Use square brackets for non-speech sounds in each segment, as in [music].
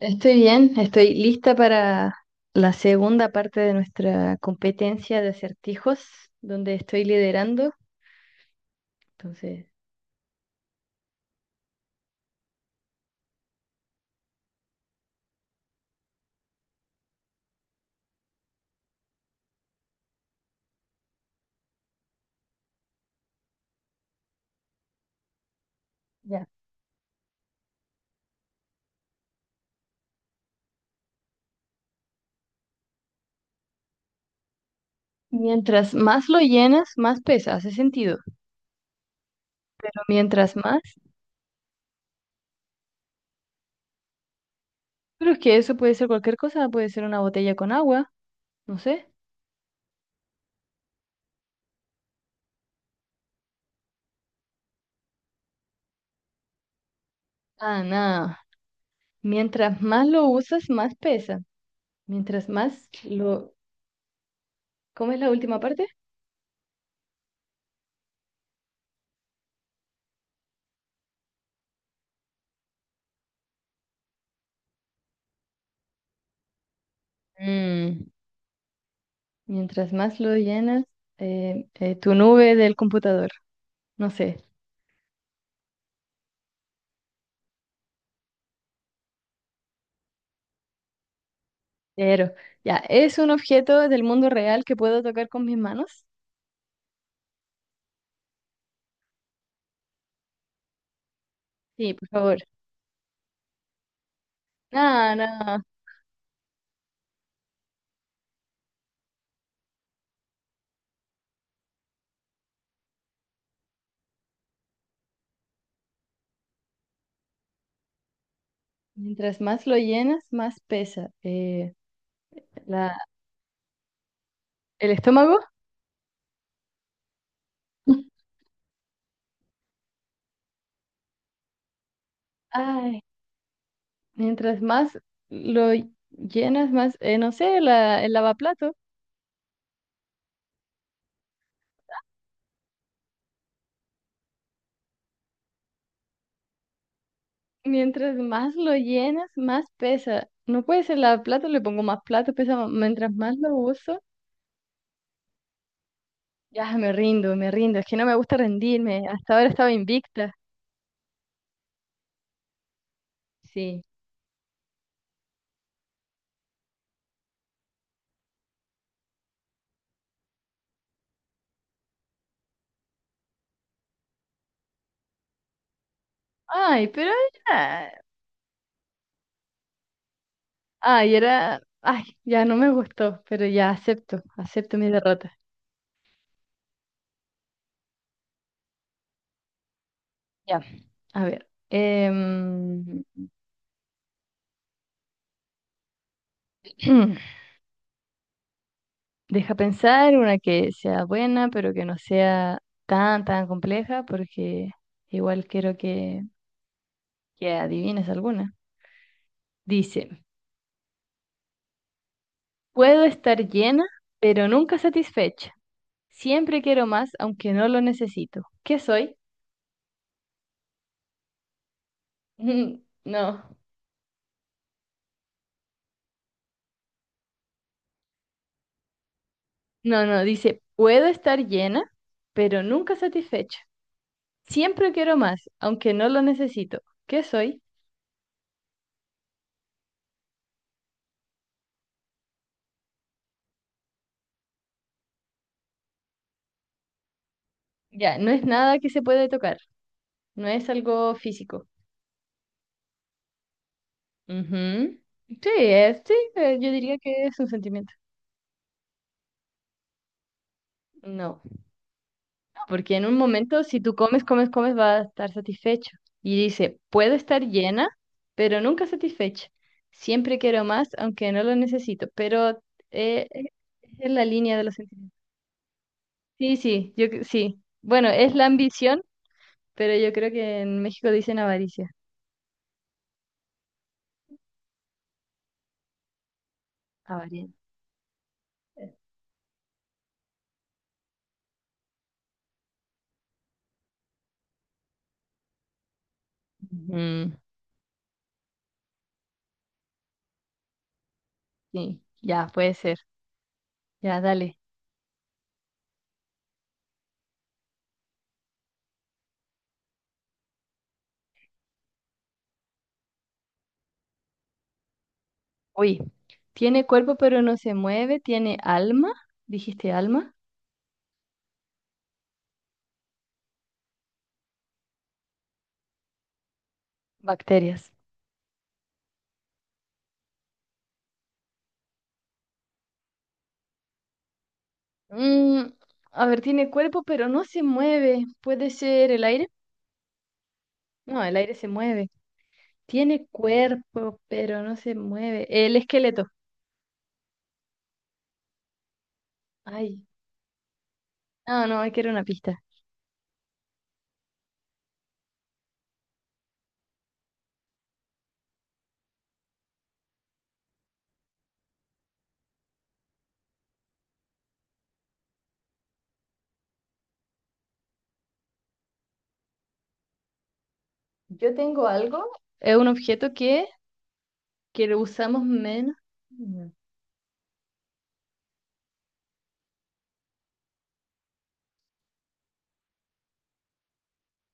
Estoy bien, estoy lista para la segunda parte de nuestra competencia de acertijos, donde estoy liderando. Entonces, ya. Mientras más lo llenas, más pesa, hace sentido. Pero mientras más, pero es que eso puede ser cualquier cosa, puede ser una botella con agua, no sé. Ah, nada. Mientras más lo usas, más pesa. Mientras más lo... ¿Cómo es la última parte? Mm, Mientras más lo llenas, tu nube del computador, no sé. Pero, ya, ¿es un objeto del mundo real que puedo tocar con mis manos? Sí, por favor. No, no. Mientras más lo llenas, más pesa. La, ¿el estómago? [laughs] Ay, mientras más lo llenas, más, no sé, la, el lavaplato. Mientras más lo llenas, más pesa. No puede ser lavaplato, le pongo más plato, pesa más. Mientras más lo uso, ya me rindo, me rindo. Es que no me gusta rendirme. Hasta ahora estaba invicta. Sí. Ay, pero ya. Ay, era. Ay, ya no me gustó, pero ya acepto, acepto mi derrota. Ya. A ver. [clears throat] Deja pensar una que sea buena, pero que no sea tan compleja, porque igual quiero que adivines alguna. Dice: puedo estar llena, pero nunca satisfecha. Siempre quiero más, aunque no lo necesito. ¿Qué soy? [laughs] No, no, no. Dice: puedo estar llena, pero nunca satisfecha. Siempre quiero más, aunque no lo necesito. ¿Qué soy? Ya, no es nada que se puede tocar, no es algo físico. Ujú. Sí, es, sí, yo diría que es un sentimiento. No, no, porque en un momento si tú comes, comes, comes, vas a estar satisfecho. Y dice, puedo estar llena, pero nunca satisfecha. Siempre quiero más, aunque no lo necesito, pero eh, es en la línea de los sentimientos. Sí, sí, yo cre- sí. Bueno, es la ambición, pero yo creo que en México dicen avaricia. La variante. Mm, sí, ya puede ser. Ya, dale. Uy, tiene cuerpo pero no se mueve, tiene alma. ¿Dijiste alma? Bacterias. Mm, a ver, tiene cuerpo pero no se mueve. ¿Puede ser el aire? No, el aire se mueve. Tiene cuerpo pero no se mueve. El esqueleto. Ay, no, no, hay que era una pista. Yo tengo algo, es un objeto que lo usamos menos. Mm.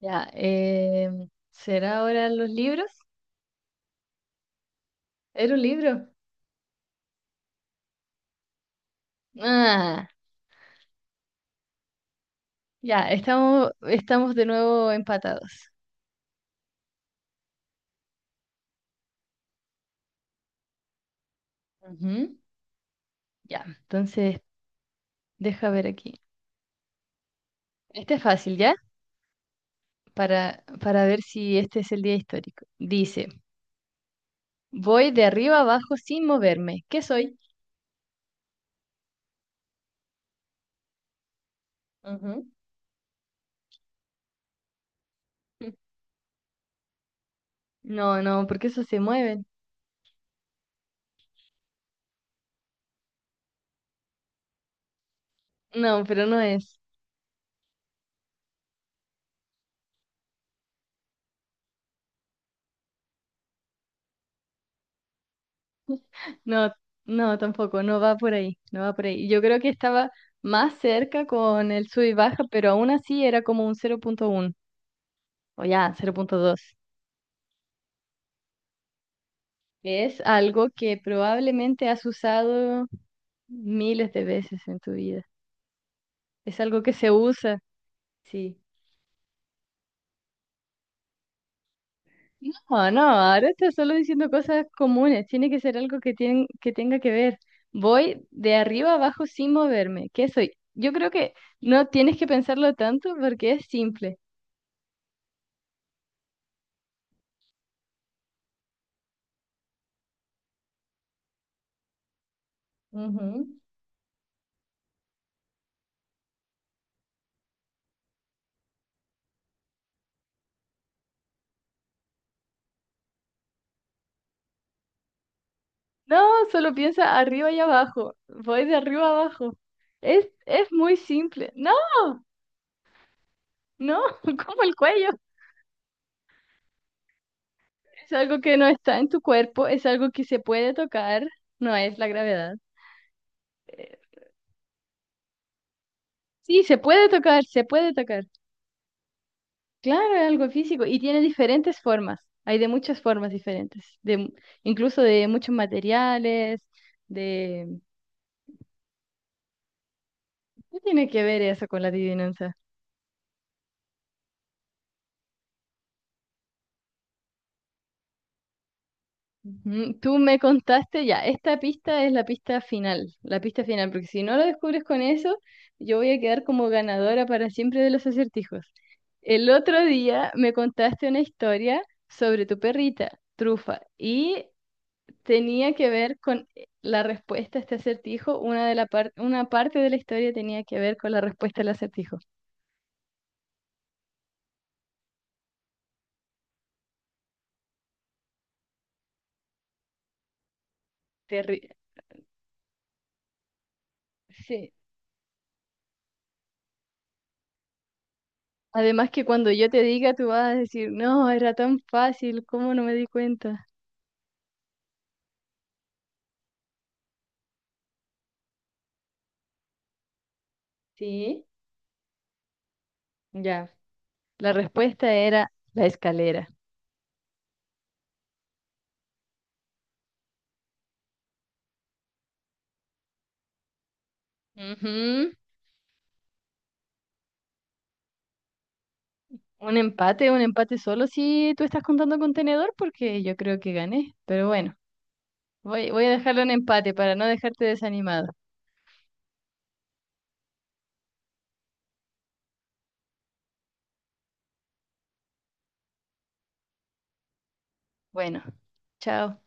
Ya, ¿será ahora los libros? Era un libro. Ah, ya, estamos de nuevo empatados. Ujú, ya, entonces, deja ver aquí. Este es fácil, ¿ya? Para ver si este es el día histórico. Dice, voy de arriba abajo sin moverme. ¿Qué soy? Ujú. No, no, porque eso se mueven. No, pero no es. No, no, tampoco, no va por ahí, no va por ahí. Yo creo que estaba más cerca con el sub y baja, pero aún así era como un cero punto uno o ya, cero punto dos. Es algo que probablemente has usado miles de veces en tu vida. Es algo que se usa, sí. No, no, ahora estás solo diciendo cosas comunes. Tiene que ser algo que, tien- que tenga que ver. Voy de arriba abajo sin moverme. ¿Qué soy? Yo creo que no tienes que pensarlo tanto porque es simple. Ujú. No, solo piensa arriba y abajo. Voy de arriba abajo. Es muy simple. No, no, [laughs] como el cuello. Es algo que no está en tu cuerpo, es algo que se puede tocar, no es la gravedad. Eh, Sí, se puede tocar, se puede tocar. Claro, es algo físico y tiene diferentes formas. Hay de muchas formas diferentes, de, mu- incluso de muchos materiales, de... ¿Qué tiene que ver eso con la adivinanza? Ujú, tú me contaste ya, esta pista es la pista final, porque si no lo descubres con eso, yo voy a quedar como ganadora para siempre de los acertijos. El otro día me contaste una historia sobre tu perrita, Trufa, y tenía que ver con la respuesta a este acertijo, una de la par- una parte de la historia tenía que ver con la respuesta al acertijo. Terri- sí. Además que cuando yo te diga, tú vas a decir, no, era tan fácil, ¿cómo no me di cuenta? Sí. Ya. La respuesta era la escalera. Ujú. Un empate solo si tú estás contando con tenedor, porque yo creo que gané. Pero bueno, voy a dejarlo en empate para no dejarte desanimado. Bueno, chao.